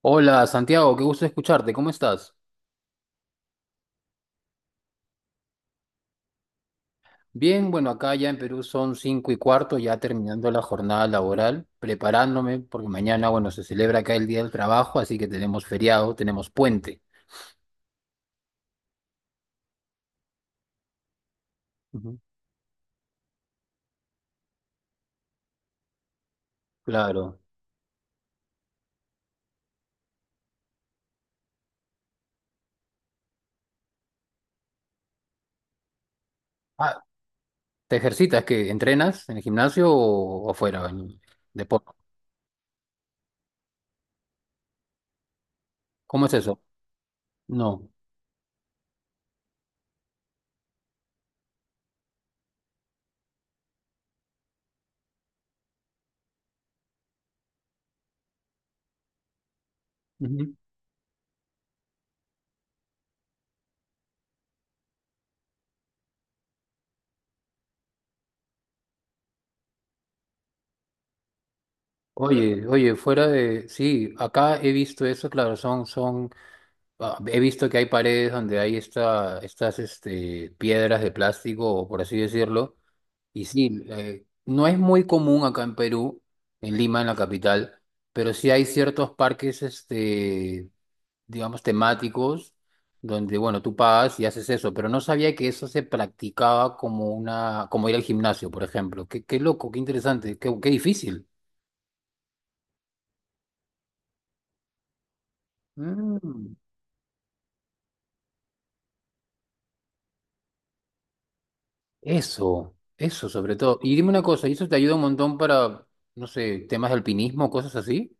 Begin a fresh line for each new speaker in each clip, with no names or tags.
Hola, Santiago, qué gusto escucharte, ¿cómo estás? Bien, bueno, acá ya en Perú son cinco y cuarto, ya terminando la jornada laboral, preparándome, porque mañana, bueno, se celebra acá el Día del Trabajo, así que tenemos feriado, tenemos puente. Ujú. Claro. Ah, ¿Te ejercitas? ¿Qué? ¿Entrenas en el gimnasio o fuera, en deporte? ¿Cómo es eso? No. Ujú. Oye, oye, fuera de... Sí, acá he visto eso, claro, son ah, he visto que hay paredes donde hay estas piedras de plástico, o por así decirlo, y sí, no es muy común acá en Perú, en Lima, en la capital, pero sí hay ciertos parques, este, digamos, temáticos, donde, bueno, tú pagas y haces eso, pero no sabía que eso se practicaba como una, como ir al gimnasio, por ejemplo. Qué loco, qué interesante, qué difícil. Mm. Eso sobre todo. Y dime una cosa, ¿y eso te ayuda un montón para, no sé, temas de alpinismo, cosas así?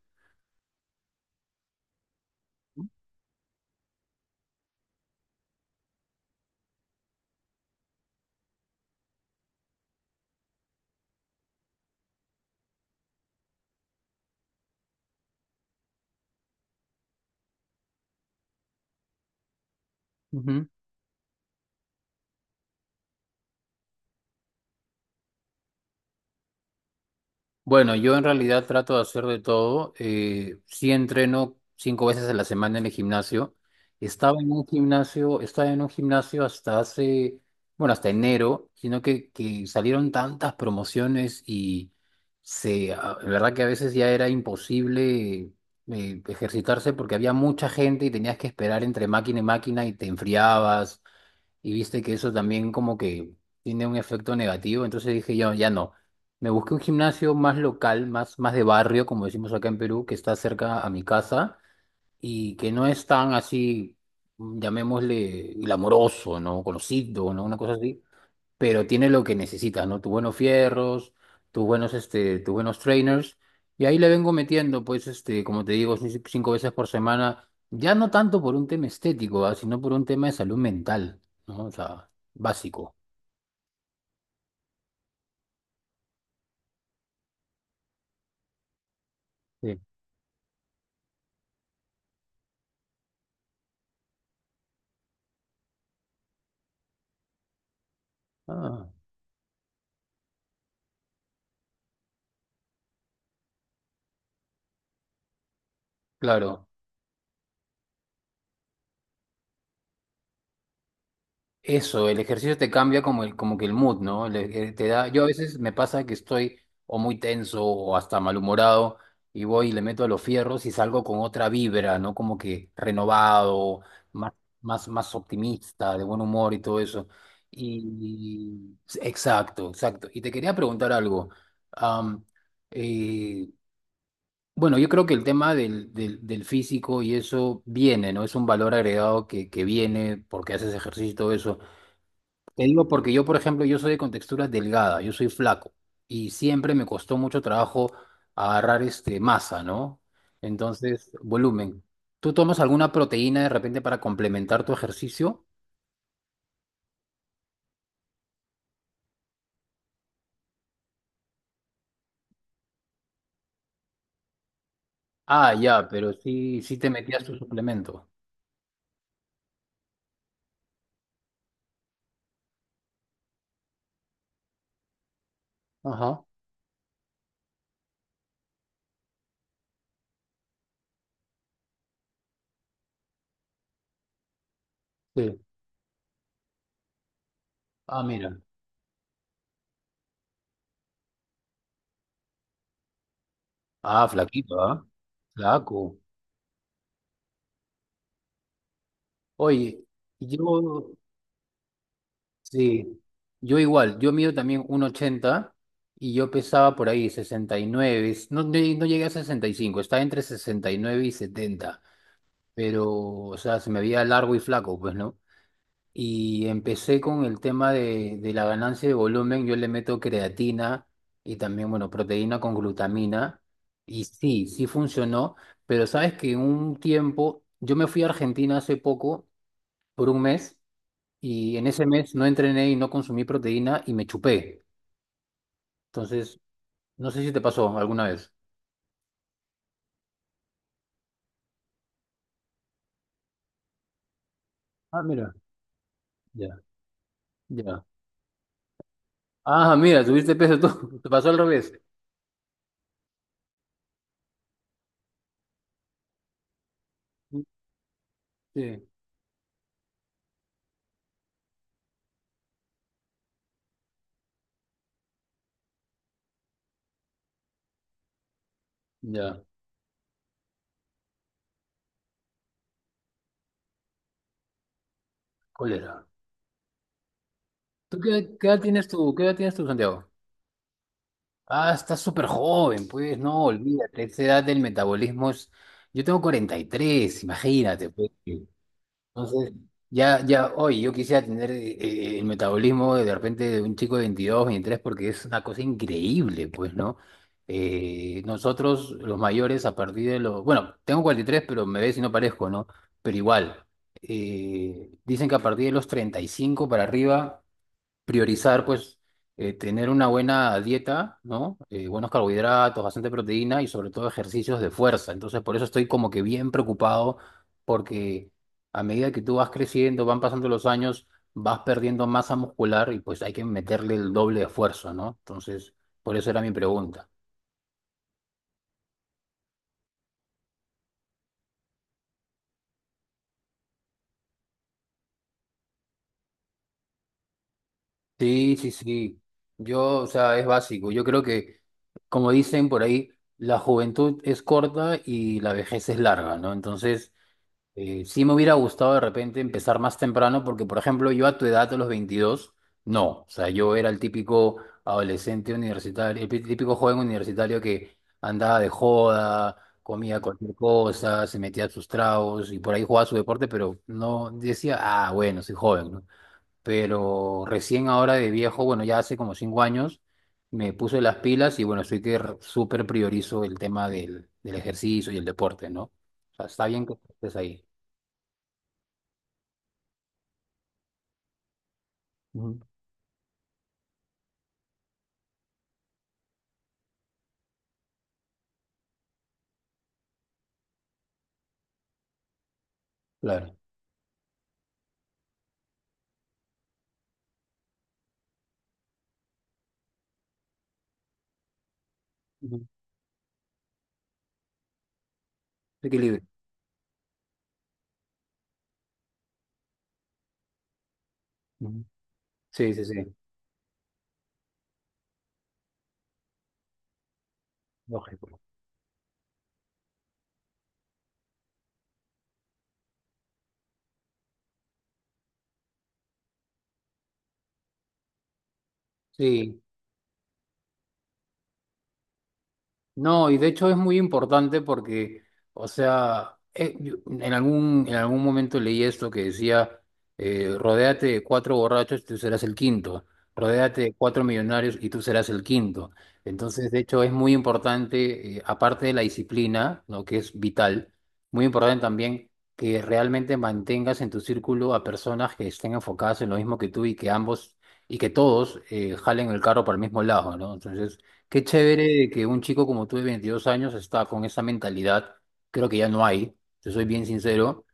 Ujú. Bueno, yo en realidad trato de hacer de todo. Sí, entreno cinco veces a la semana en el gimnasio. Estaba en un gimnasio hasta hace, bueno, hasta enero, sino que salieron tantas promociones y se, ah, en verdad que a veces ya era imposible ejercitarse porque había mucha gente y tenías que esperar entre máquina y máquina y te enfriabas y viste que eso también como que tiene un efecto negativo, entonces dije, ya, ya no. Me busqué un gimnasio más local, más de barrio, como decimos acá en Perú, que está cerca a mi casa y que no es tan así, llamémosle, glamoroso, ¿no? Conocido, ¿no? Una cosa así, pero tiene lo que necesitas, ¿no? Tus buenos fierros, tus buenos, este, tus buenos trainers. Y ahí le vengo metiendo, pues, este, como te digo, cinco veces por semana, ya no tanto por un tema estético, ah, sino por un tema de salud mental, ¿no? O sea, básico. Sí. Ah, claro. Eso, el ejercicio te cambia como, el, como que el mood, ¿no? Te da, yo a veces me pasa que estoy o muy tenso o hasta malhumorado y voy y le meto a los fierros y salgo con otra vibra, ¿no? Como que renovado, más, más optimista, de buen humor y todo eso. Y exacto, exacto. Y te quería preguntar algo. Am, eh, bueno, yo creo que el tema del físico y eso viene, ¿no? Es un valor agregado que viene porque haces ejercicio y todo eso. Te digo porque yo, por ejemplo, yo soy de contextura delgada, yo soy flaco y siempre me costó mucho trabajo agarrar este masa, ¿no? Entonces, volumen. ¿Tú tomas alguna proteína de repente para complementar tu ejercicio? Ah, ya, pero sí, sí te metías tu suplemento. Ajá, sí. Ah, mira. Ah, flaquito, ¿ah? Flaco. Oye, yo, sí, yo igual, yo mido también 1,80 y yo pesaba por ahí 69, no llegué a 65. Estaba entre 69 y 70. Pero, o sea, se me veía largo y flaco, pues, ¿no? Y empecé con el tema de la ganancia de volumen, yo le meto creatina y también, bueno, proteína con glutamina, y sí, sí funcionó, pero sabes que un tiempo, yo me fui a Argentina hace poco, por 1 mes, y en ese mes no entrené y no consumí proteína y me chupé. Entonces, no sé si te pasó alguna vez. Ah, mira, ya, ya. Ah, mira, subiste peso tú. Te pasó al revés. Sí, ya. Cólera. ¿Tú qué, qué edad tienes tú? ¿Qué edad tienes tú, Santiago? Ah, estás súper joven, pues no, olvídate. Esa edad del metabolismo es... Yo tengo 43, imagínate, pues. Entonces, ya, ya hoy yo quisiera tener el metabolismo de repente de un chico de 22, 23 porque es una cosa increíble, pues, ¿no? Nosotros, los mayores, a partir de los... Bueno, tengo 43, pero me ves y no parezco, ¿no? Pero igual, dicen que a partir de los 35 para arriba priorizar, pues, tener una buena dieta, ¿no? Buenos carbohidratos, bastante proteína y sobre todo ejercicios de fuerza. Entonces, por eso estoy como que bien preocupado porque a medida que tú vas creciendo, van pasando los años, vas perdiendo masa muscular y pues hay que meterle el doble de esfuerzo, ¿no? Entonces, por eso era mi pregunta. Sí, sí, sí. Yo, o sea, es básico. Yo creo que, como dicen por ahí, la juventud es corta y la vejez es larga, ¿no? Entonces, sí me hubiera gustado de repente empezar más temprano porque, por ejemplo, yo a tu edad, a los 22, no. O sea, yo era el típico adolescente universitario, el típico joven universitario que andaba de joda, comía cualquier cosa, se metía sus tragos y por ahí jugaba su deporte, pero no decía, ah, bueno, soy joven, ¿no? Pero recién ahora de viejo, bueno, ya hace como 5 años, me puse las pilas y bueno, estoy que súper priorizo el tema del ejercicio y el deporte, ¿no? O sea, está bien que estés ahí. Ujú. Claro. Ujú. Equilibrio. Ujú. Sí, sí, sí. Lógico. Sí, no, y de hecho es muy importante porque, o sea, en algún momento leí esto que decía, rodéate de 4 borrachos y tú serás el quinto, rodéate de 4 millonarios y tú serás el quinto. Entonces, de hecho, es muy importante, aparte de la disciplina, ¿no?, que es vital, muy importante también que realmente mantengas en tu círculo a personas que estén enfocadas en lo mismo que tú y que ambos, y que todos jalen el carro para el mismo lado, ¿no? Entonces... Qué chévere que un chico como tú de 22 años está con esa mentalidad. Creo que ya no hay, te soy bien sincero.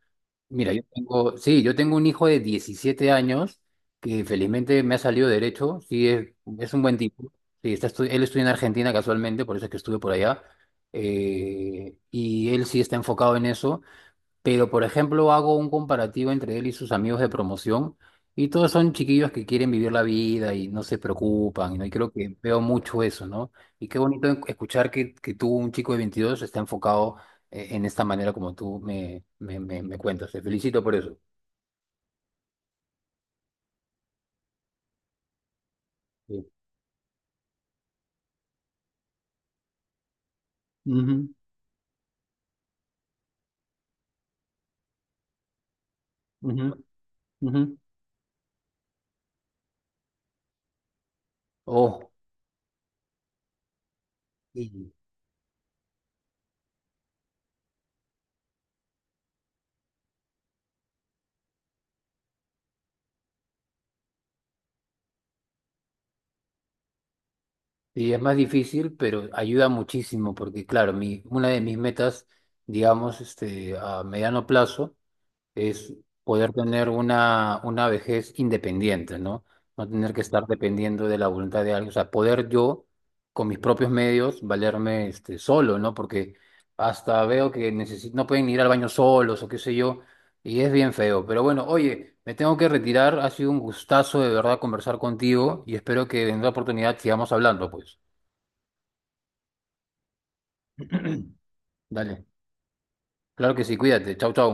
Mira, yo tengo, sí, yo tengo un hijo de 17 años que felizmente me ha salido derecho. Sí, es un buen tipo. Sí, él estudia en Argentina casualmente, por eso es que estuve por allá. Y él sí está enfocado en eso. Pero, por ejemplo, hago un comparativo entre él y sus amigos de promoción y todos son chiquillos que quieren vivir la vida y no se preocupan, ¿no? Y creo que veo mucho eso, ¿no? Y qué bonito escuchar que tú, un chico de 22, está enfocado en esta manera como tú me cuentas. Te felicito por eso. Sí. Ujú, ujú, ujú. Oh, sí. Sí, es más difícil, pero ayuda muchísimo porque, claro, mi, una de mis metas, digamos, este, a mediano plazo, es poder tener una vejez independiente, ¿no? No tener que estar dependiendo de la voluntad de alguien, o sea, poder yo, con mis propios medios, valerme este, solo, ¿no? Porque hasta veo que no pueden ir al baño solos o qué sé yo, y es bien feo. Pero bueno, oye, me tengo que retirar, ha sido un gustazo de verdad conversar contigo y espero que en otra oportunidad sigamos hablando, pues. Dale, claro que sí, cuídate, chau, chau.